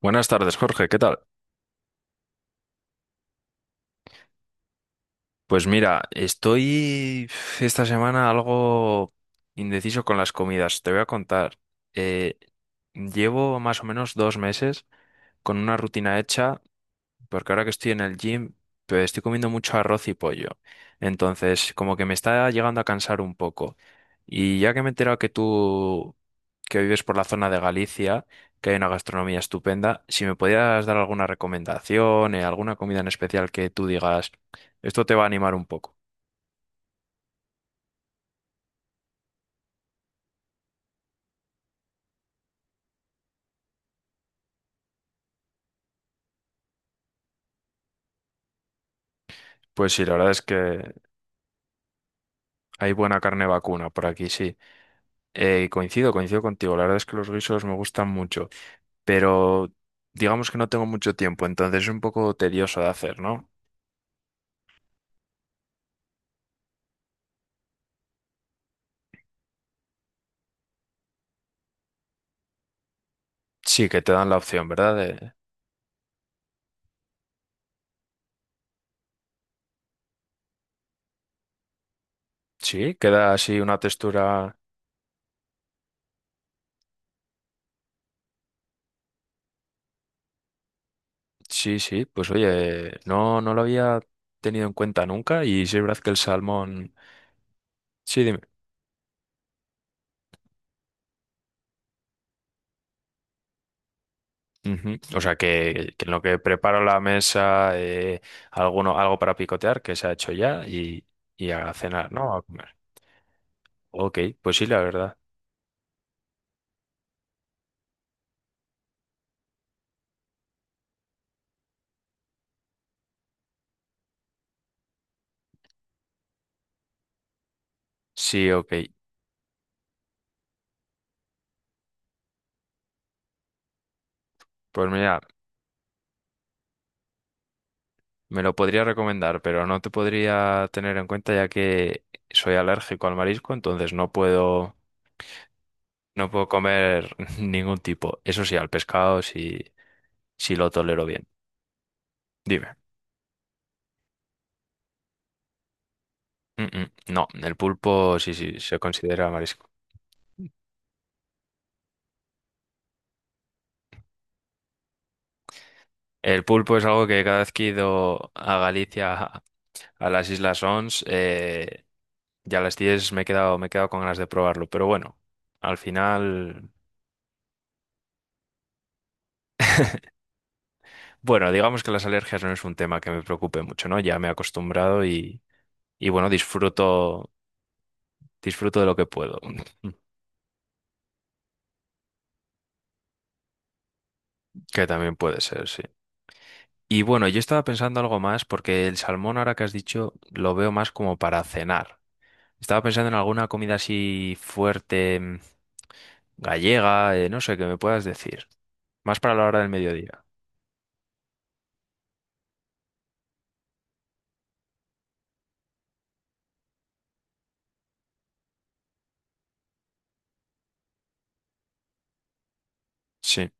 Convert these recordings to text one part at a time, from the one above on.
Buenas tardes, Jorge, ¿qué tal? Pues mira, estoy esta semana algo indeciso con las comidas. Te voy a contar. Eh, Llevo más o menos dos meses con una rutina hecha, porque ahora que estoy en el gym, pues estoy comiendo mucho arroz y pollo. Entonces, como que me está llegando a cansar un poco. Y ya que me he enterado que tú, que vives por la zona de Galicia, que hay una gastronomía estupenda, si me podías dar alguna recomendación, alguna comida en especial que tú digas, esto te va a animar un poco. Pues sí, la verdad es que hay buena carne vacuna por aquí, sí. Coincido, coincido contigo. La verdad es que los guisos me gustan mucho, pero digamos que no tengo mucho tiempo, entonces es un poco tedioso de hacer, ¿no? Sí, que te dan la opción, ¿verdad? Sí, queda así una textura. Sí, sí, pues oye, no, no lo había tenido en cuenta nunca, y sí es verdad que el salmón. Sí, dime. Ujú. O sea, que en lo que preparo la mesa, alguno, algo para picotear que se ha hecho ya, y a cenar, ¿no? A comer. Ok, pues sí, la verdad. Sí, ok. Pues mira, me lo podría recomendar, pero no te podría tener en cuenta, ya que soy alérgico al marisco, entonces no puedo, no puedo comer ningún tipo. Eso sí, al pescado sí, sí lo tolero bien. Dime. Mm, mm. No, el pulpo sí, sí, se considera marisco. El pulpo es algo que cada vez que he ido a Galicia, a las Islas Ons, ya a las 10 me he quedado con ganas de probarlo. Pero bueno, al final. Bueno, digamos que las alergias no es un tema que me preocupe mucho, ¿no? Ya me he acostumbrado y bueno, disfruto, disfruto de lo que puedo, que también puede ser, sí. Y bueno, yo estaba pensando algo más, porque el salmón, ahora que has dicho, lo veo más como para cenar. Estaba pensando en alguna comida así fuerte, gallega, no sé, que me puedas decir. Más para la hora del mediodía. Sí,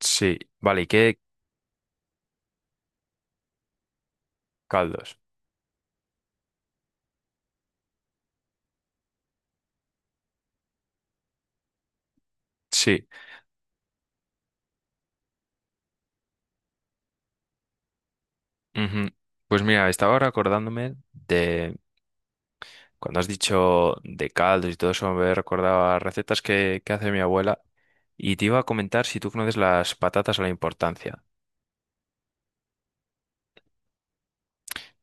sí. Vale, ¿y qué caldos? Sí. Ujú. Pues mira, estaba ahora acordándome. Cuando has dicho de caldos y todo eso, me recordaba recetas que hace mi abuela, y te iba a comentar si tú conoces las patatas a la importancia.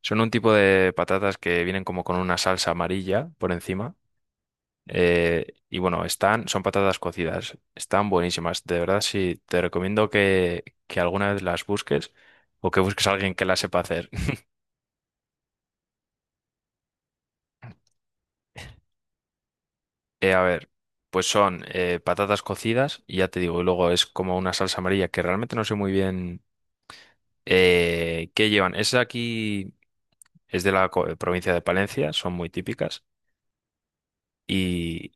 Son un tipo de patatas que vienen como con una salsa amarilla por encima. Y bueno, están, son patatas cocidas, están buenísimas. De verdad, sí, te recomiendo que alguna vez las busques o que busques a alguien que las sepa hacer. A ver, pues son patatas cocidas, y ya te digo, y luego es como una salsa amarilla que realmente no sé muy bien. ¿Qué llevan? Es aquí, es de la provincia de Palencia, son muy típicas. Y,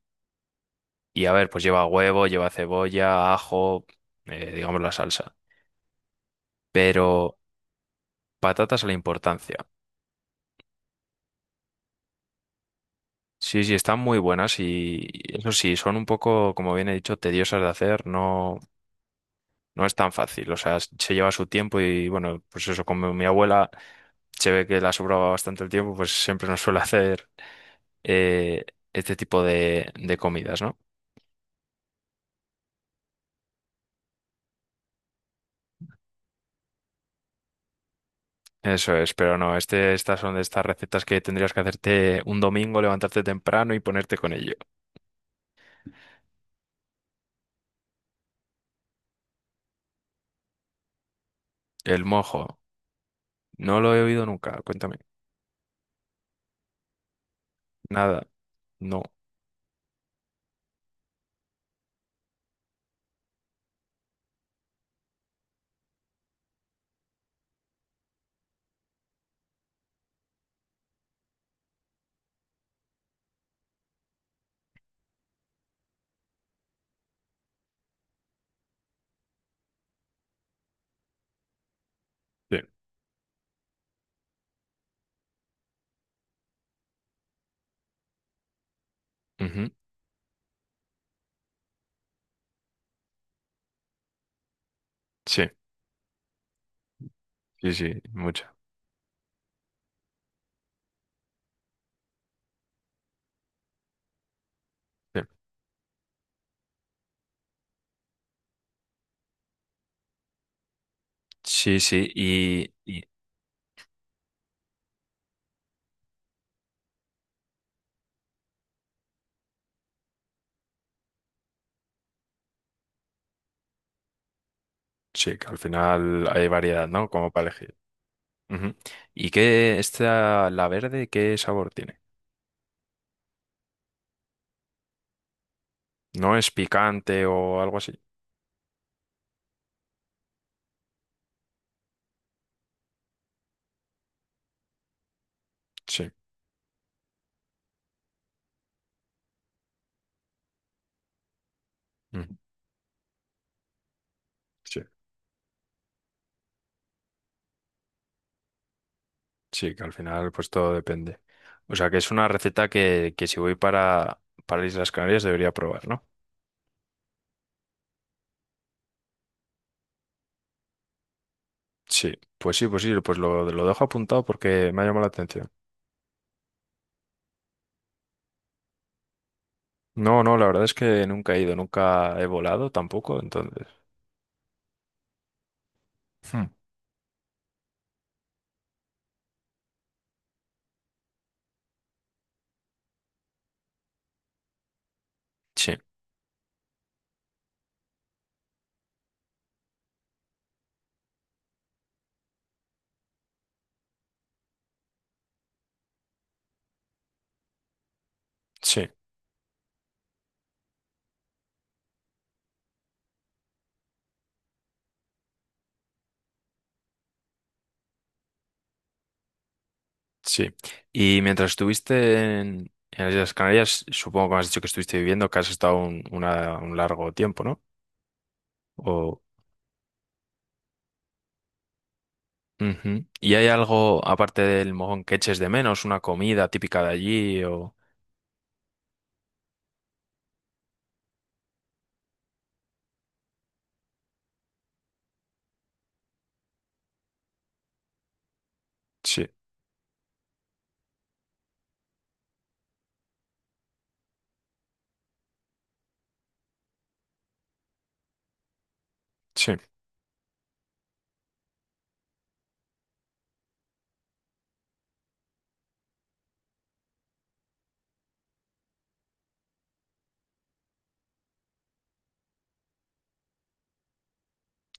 y a ver, pues lleva huevo, lleva cebolla, ajo, digamos la salsa. Pero patatas a la importancia. Sí, sí, están muy buenas, y eso sí, son un poco, como bien he dicho, tediosas de hacer. No, no es tan fácil. O sea, se lleva su tiempo, y bueno, pues eso, como mi abuela se ve que la sobraba bastante el tiempo, pues siempre nos suele hacer eh, este tipo de comidas, ¿no? Eso es, pero no, este, estas son de estas recetas que tendrías que hacerte un domingo, levantarte temprano y ponerte con ello. El mojo, no lo he oído nunca, cuéntame. Nada, no. Sí. Ujú. Sí, sí, sí, mucha. Sí, sí, sí, y sí, que al final hay variedad, ¿no? Como para elegir. Ujú. ¿Y qué, esta, la verde, qué sabor tiene? ¿No es picante o algo así? Sí, ujú, sí. Sí, que al final pues todo depende. O sea que es una receta que si voy para Islas Canarias debería probar, ¿no? Sí, pues sí, pues sí, pues lo dejo apuntado porque me ha llamado la atención. No, no, la verdad es que nunca he ido, nunca he volado tampoco, entonces. Hmm. Sí, sí, sí. Y mientras estuviste en las Islas Canarias, supongo que me has dicho que estuviste viviendo, que has estado un, una- un largo tiempo, ¿no? O, ujú. ¿Y hay algo, aparte del mojón, que eches de menos, una comida típica de allí o...? Sí, sí,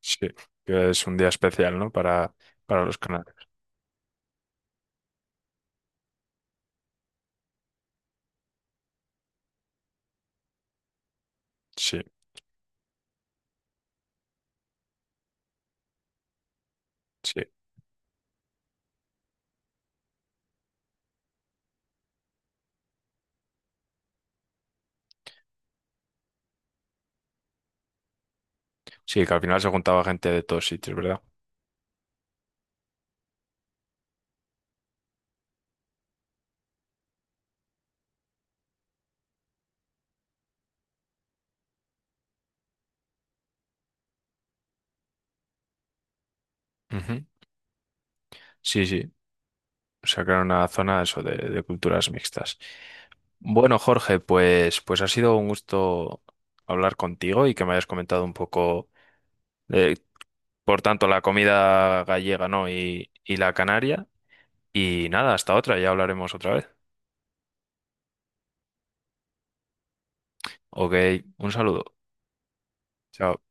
sí. Que es un día especial, ¿no? Para los canales. Sí, sí. Sí, que al final se juntaba gente de todos sitios, ¿verdad? Ujú. Sí, sí. Sacaron una zona eso de culturas mixtas. Bueno, Jorge, pues, pues ha sido un gusto hablar contigo y que me hayas comentado un poco de, por tanto, la comida gallega, ¿no? Y la canaria. Y nada, hasta otra, ya hablaremos otra vez. Ok, un saludo. Chao.